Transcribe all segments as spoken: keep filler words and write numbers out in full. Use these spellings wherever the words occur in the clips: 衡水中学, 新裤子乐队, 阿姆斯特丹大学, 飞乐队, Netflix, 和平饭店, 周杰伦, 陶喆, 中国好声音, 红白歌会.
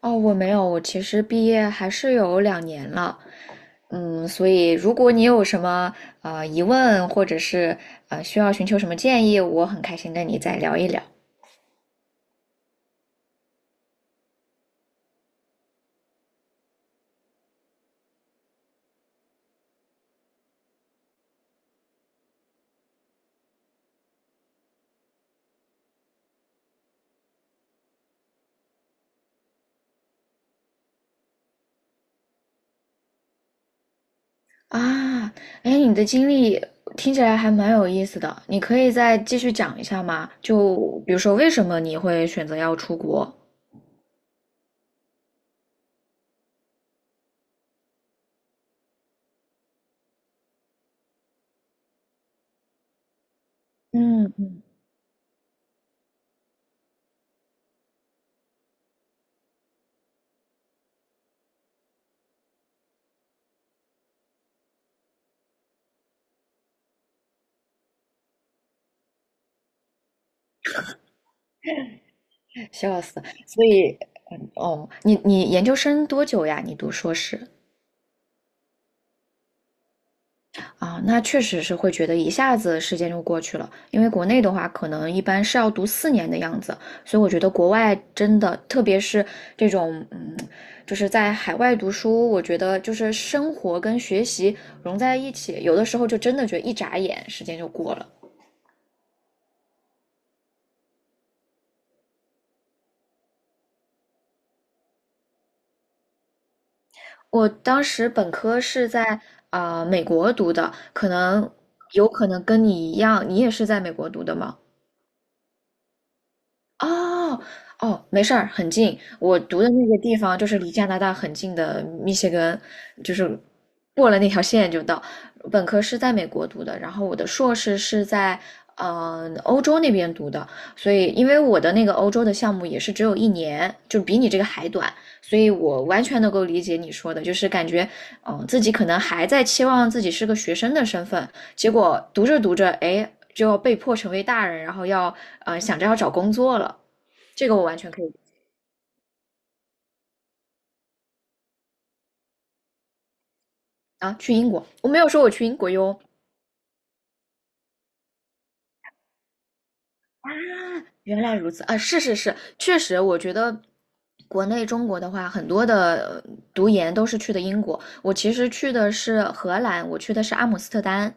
哦，我没有，我其实毕业还是有两年了，嗯，所以如果你有什么呃疑问，或者是呃需要寻求什么建议，我很开心跟你再聊一聊啊。哎，你的经历听起来还蛮有意思的，你可以再继续讲一下吗？就比如说为什么你会选择要出国？嗯，笑死。所以，嗯哦，你你研究生多久呀？你读硕士？啊，那确实是会觉得一下子时间就过去了，因为国内的话，可能一般是要读四年的样子，所以我觉得国外真的，特别是这种，嗯，就是在海外读书，我觉得就是生活跟学习融在一起，有的时候就真的觉得一眨眼时间就过了。我当时本科是在啊，美国读的，可能有可能跟你一样，你也是在美国读的吗？哦哦，没事儿，很近。我读的那个地方就是离加拿大很近的密歇根，就是过了那条线就到。本科是在美国读的，然后我的硕士是在嗯、呃、欧洲那边读的，所以因为我的那个欧洲的项目也是只有一年，就比你这个还短，所以我完全能够理解你说的，就是感觉嗯、呃自己可能还在期望自己是个学生的身份，结果读着读着，哎。就要被迫成为大人，然后要呃想着要找工作了，这个我完全可以啊。去英国，我没有说我去英国哟。原来如此啊，是是是，确实，我觉得国内中国的话，很多的呃读研都是去的英国。我其实去的是荷兰，我去的是阿姆斯特丹。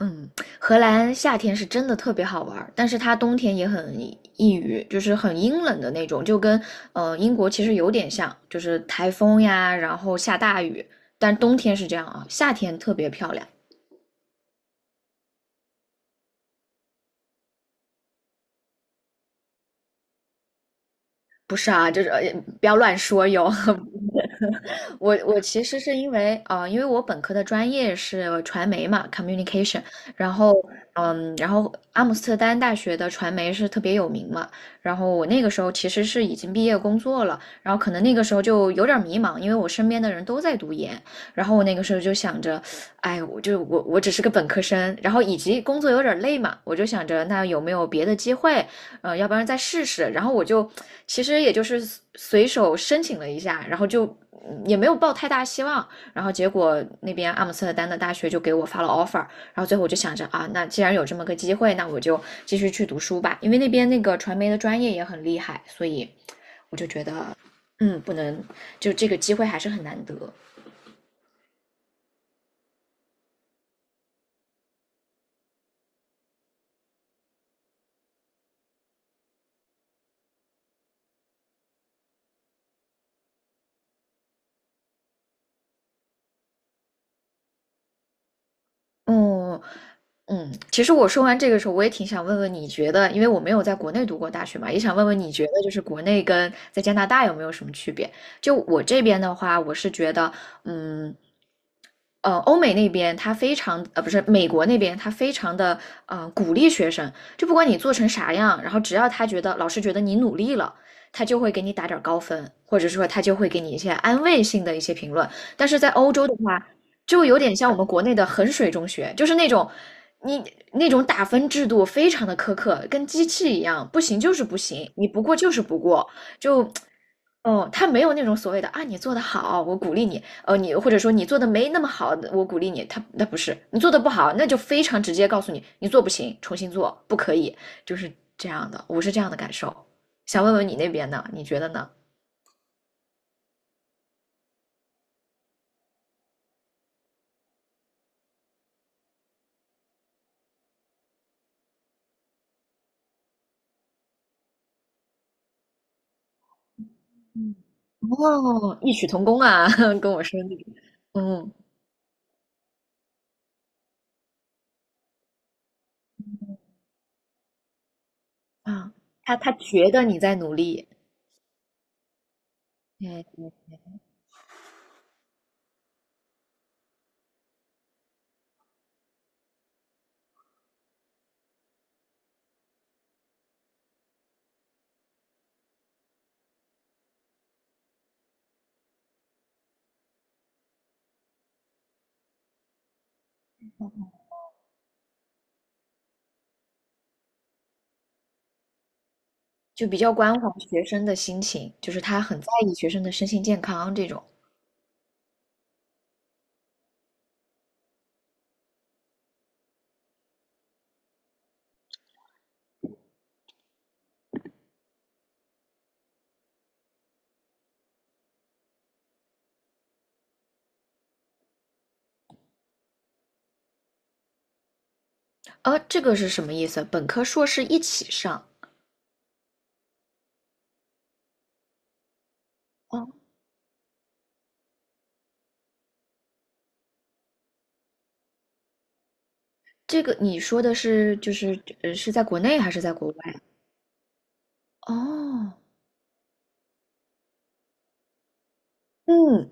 嗯，荷兰夏天是真的特别好玩儿，但是它冬天也很抑郁，就是很阴冷的那种，就跟呃英国其实有点像，就是台风呀，然后下大雨，但冬天是这样啊，夏天特别漂亮。不是啊，就是呃不要乱说哟，我我其实是因为啊，因为我本科的专业是呃传媒嘛，communication,然后嗯，然后阿姆斯特丹大学的传媒是特别有名嘛，然后我那个时候其实是已经毕业工作了，然后可能那个时候就有点迷茫，因为我身边的人都在读研，然后我那个时候就想着，哎，我就我我只是个本科生，然后以及工作有点累嘛，我就想着那有没有别的机会，呃，要不然再试试，然后我就其实也就是随手申请了一下，然后就。也没有抱太大希望，然后结果那边阿姆斯特丹的大学就给我发了 offer,然后最后我就想着啊，那既然有这么个机会，那我就继续去读书吧，因为那边那个传媒的专业也很厉害，所以我就觉得，嗯，不能，就这个机会还是很难得。嗯嗯，其实我说完这个时候，我也挺想问问你觉得，因为我没有在国内读过大学嘛，也想问问你觉得，就是国内跟在加拿大有没有什么区别？就我这边的话，我是觉得，嗯，呃，欧美那边他非常，呃，不是美国那边他非常的，呃，鼓励学生，就不管你做成啥样，然后只要他觉得老师觉得你努力了，他就会给你打点儿高分，或者说他就会给你一些安慰性的一些评论。但是在欧洲就有点像我们国内的衡水中学，就是那种你那种打分制度非常的苛刻，跟机器一样，不行就是不行，你不过就是不过，就。哦，他没有那种所谓的啊，你做的好，我鼓励你。呃，你或者说你做的没那么好，我鼓励你。他那不是你做的不好，那就非常直接告诉你，你做不行，重新做，不可以，就是这样的。我是这样的感受。想问问你那边呢？你觉得呢？嗯哦，异曲同工啊，跟我说那个，嗯。啊，他他觉得你在努力，嗯，就比较关怀学生的心情，就是他很在意学生的身心健康这种。呃，这个是什么意思？本科、硕士一起上？哦，这个你说的是就是呃是在国内还是在国外？哦，嗯，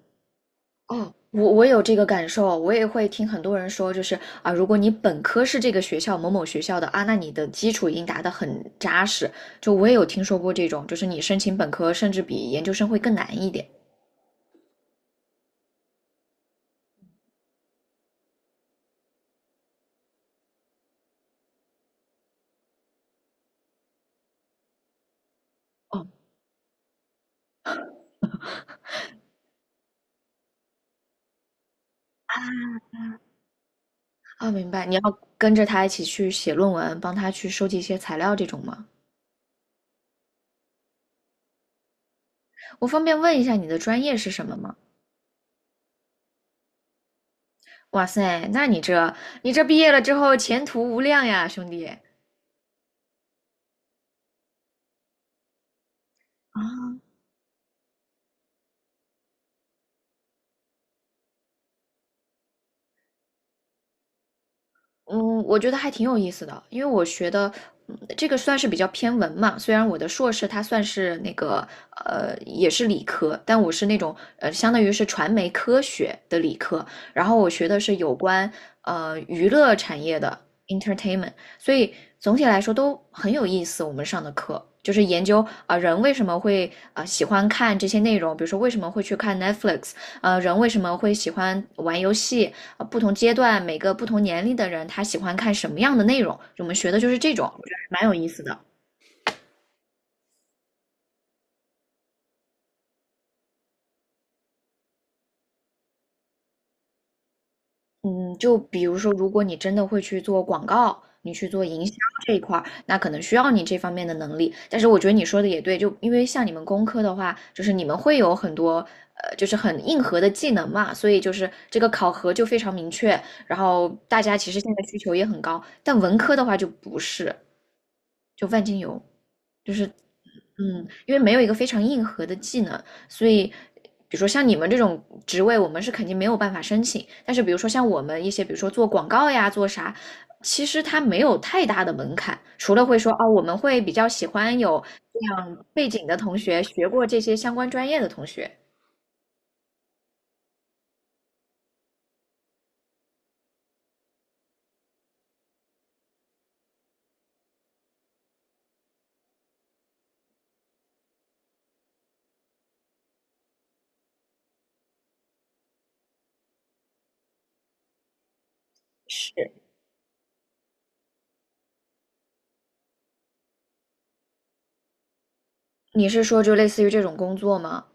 哦，我我有这个感受，我也会听很多人说，就是啊，如果你本科是这个学校某某学校的啊，那你的基础已经打得很扎实。就我也有听说过这种，就是你申请本科甚至比研究生会更难一点。啊，明白，你要跟着他一起去写论文，帮他去收集一些材料这种吗？我方便问一下你的专业是什么吗？哇塞，那你这你这毕业了之后前途无量呀，兄弟。嗯，我觉得还挺有意思的，因为我学的，嗯，这个算是比较偏文嘛。虽然我的硕士它算是那个，呃，也是理科，但我是那种，呃，相当于是传媒科学的理科。然后我学的是有关，呃，娱乐产业的 entertainment,所以总体来说都很有意思。我们上的课就是研究啊，人为什么会啊喜欢看这些内容，比如说为什么会去看 Netflix,呃，人为什么会喜欢玩游戏？呃，不同阶段，每个不同年龄的人，他喜欢看什么样的内容？我们学的就是这种，我觉得还蛮有意思的。嗯，就比如说，如果你真的会去做广告，你去做营销这一块儿，那可能需要你这方面的能力。但是我觉得你说的也对，就因为像你们工科的话，就是你们会有很多呃，就是很硬核的技能嘛，所以就是这个考核就非常明确，然后大家其实现在需求也很高。但文科的话就不是，就万金油。嗯，因为没有一个非常硬核的技能，所以，比如说像你们这种职位，我们是肯定没有办法申请。但是，比如说像我们一些，比如说做广告呀，做啥，其实它没有太大的门槛，除了会说哦，我们会比较喜欢有这样背景的同学，学过这些相关专业的同学。是，你是说就类似于这种工作吗？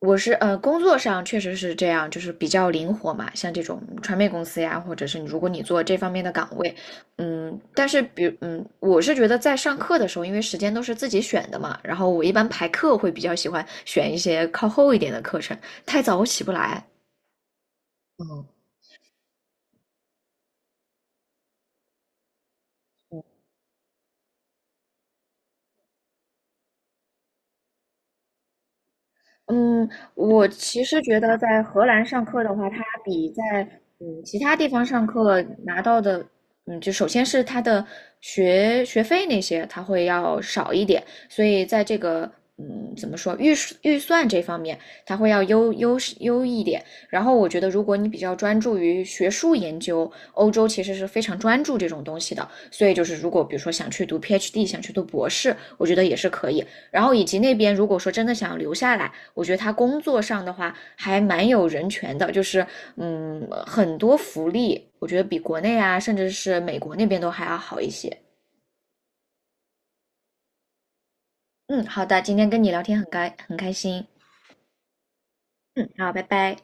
我是呃，工作上确实是这样，就是比较灵活嘛，像这种传媒公司呀，或者是你如果你做这方面的岗位，嗯，但是比嗯，我是觉得在上课的时候，因为时间都是自己选的嘛，然后我一般排课会比较喜欢选一些靠后一点的课程，太早我起不来。嗯，我其实觉得在荷兰上课的话，它比在嗯其他地方上课拿到的，嗯，就首先是它的学学费那些，它会要少一点，所以在这个嗯怎么说预算预算这方面，它会要优优优一点。然后我觉得，如果你比较专注于学术研究，欧洲其实是非常专注这种东西的，所以就是如果比如说想去读 P H D,想去读博士，我觉得也是可以。然后以及那边如果说真的想留下来。我觉得他工作上的话还蛮有人权的，就是嗯，很多福利，我觉得比国内啊，甚至是美国那边都还要好一些。嗯，好的，今天跟你聊天很开很开心。嗯，好，拜拜。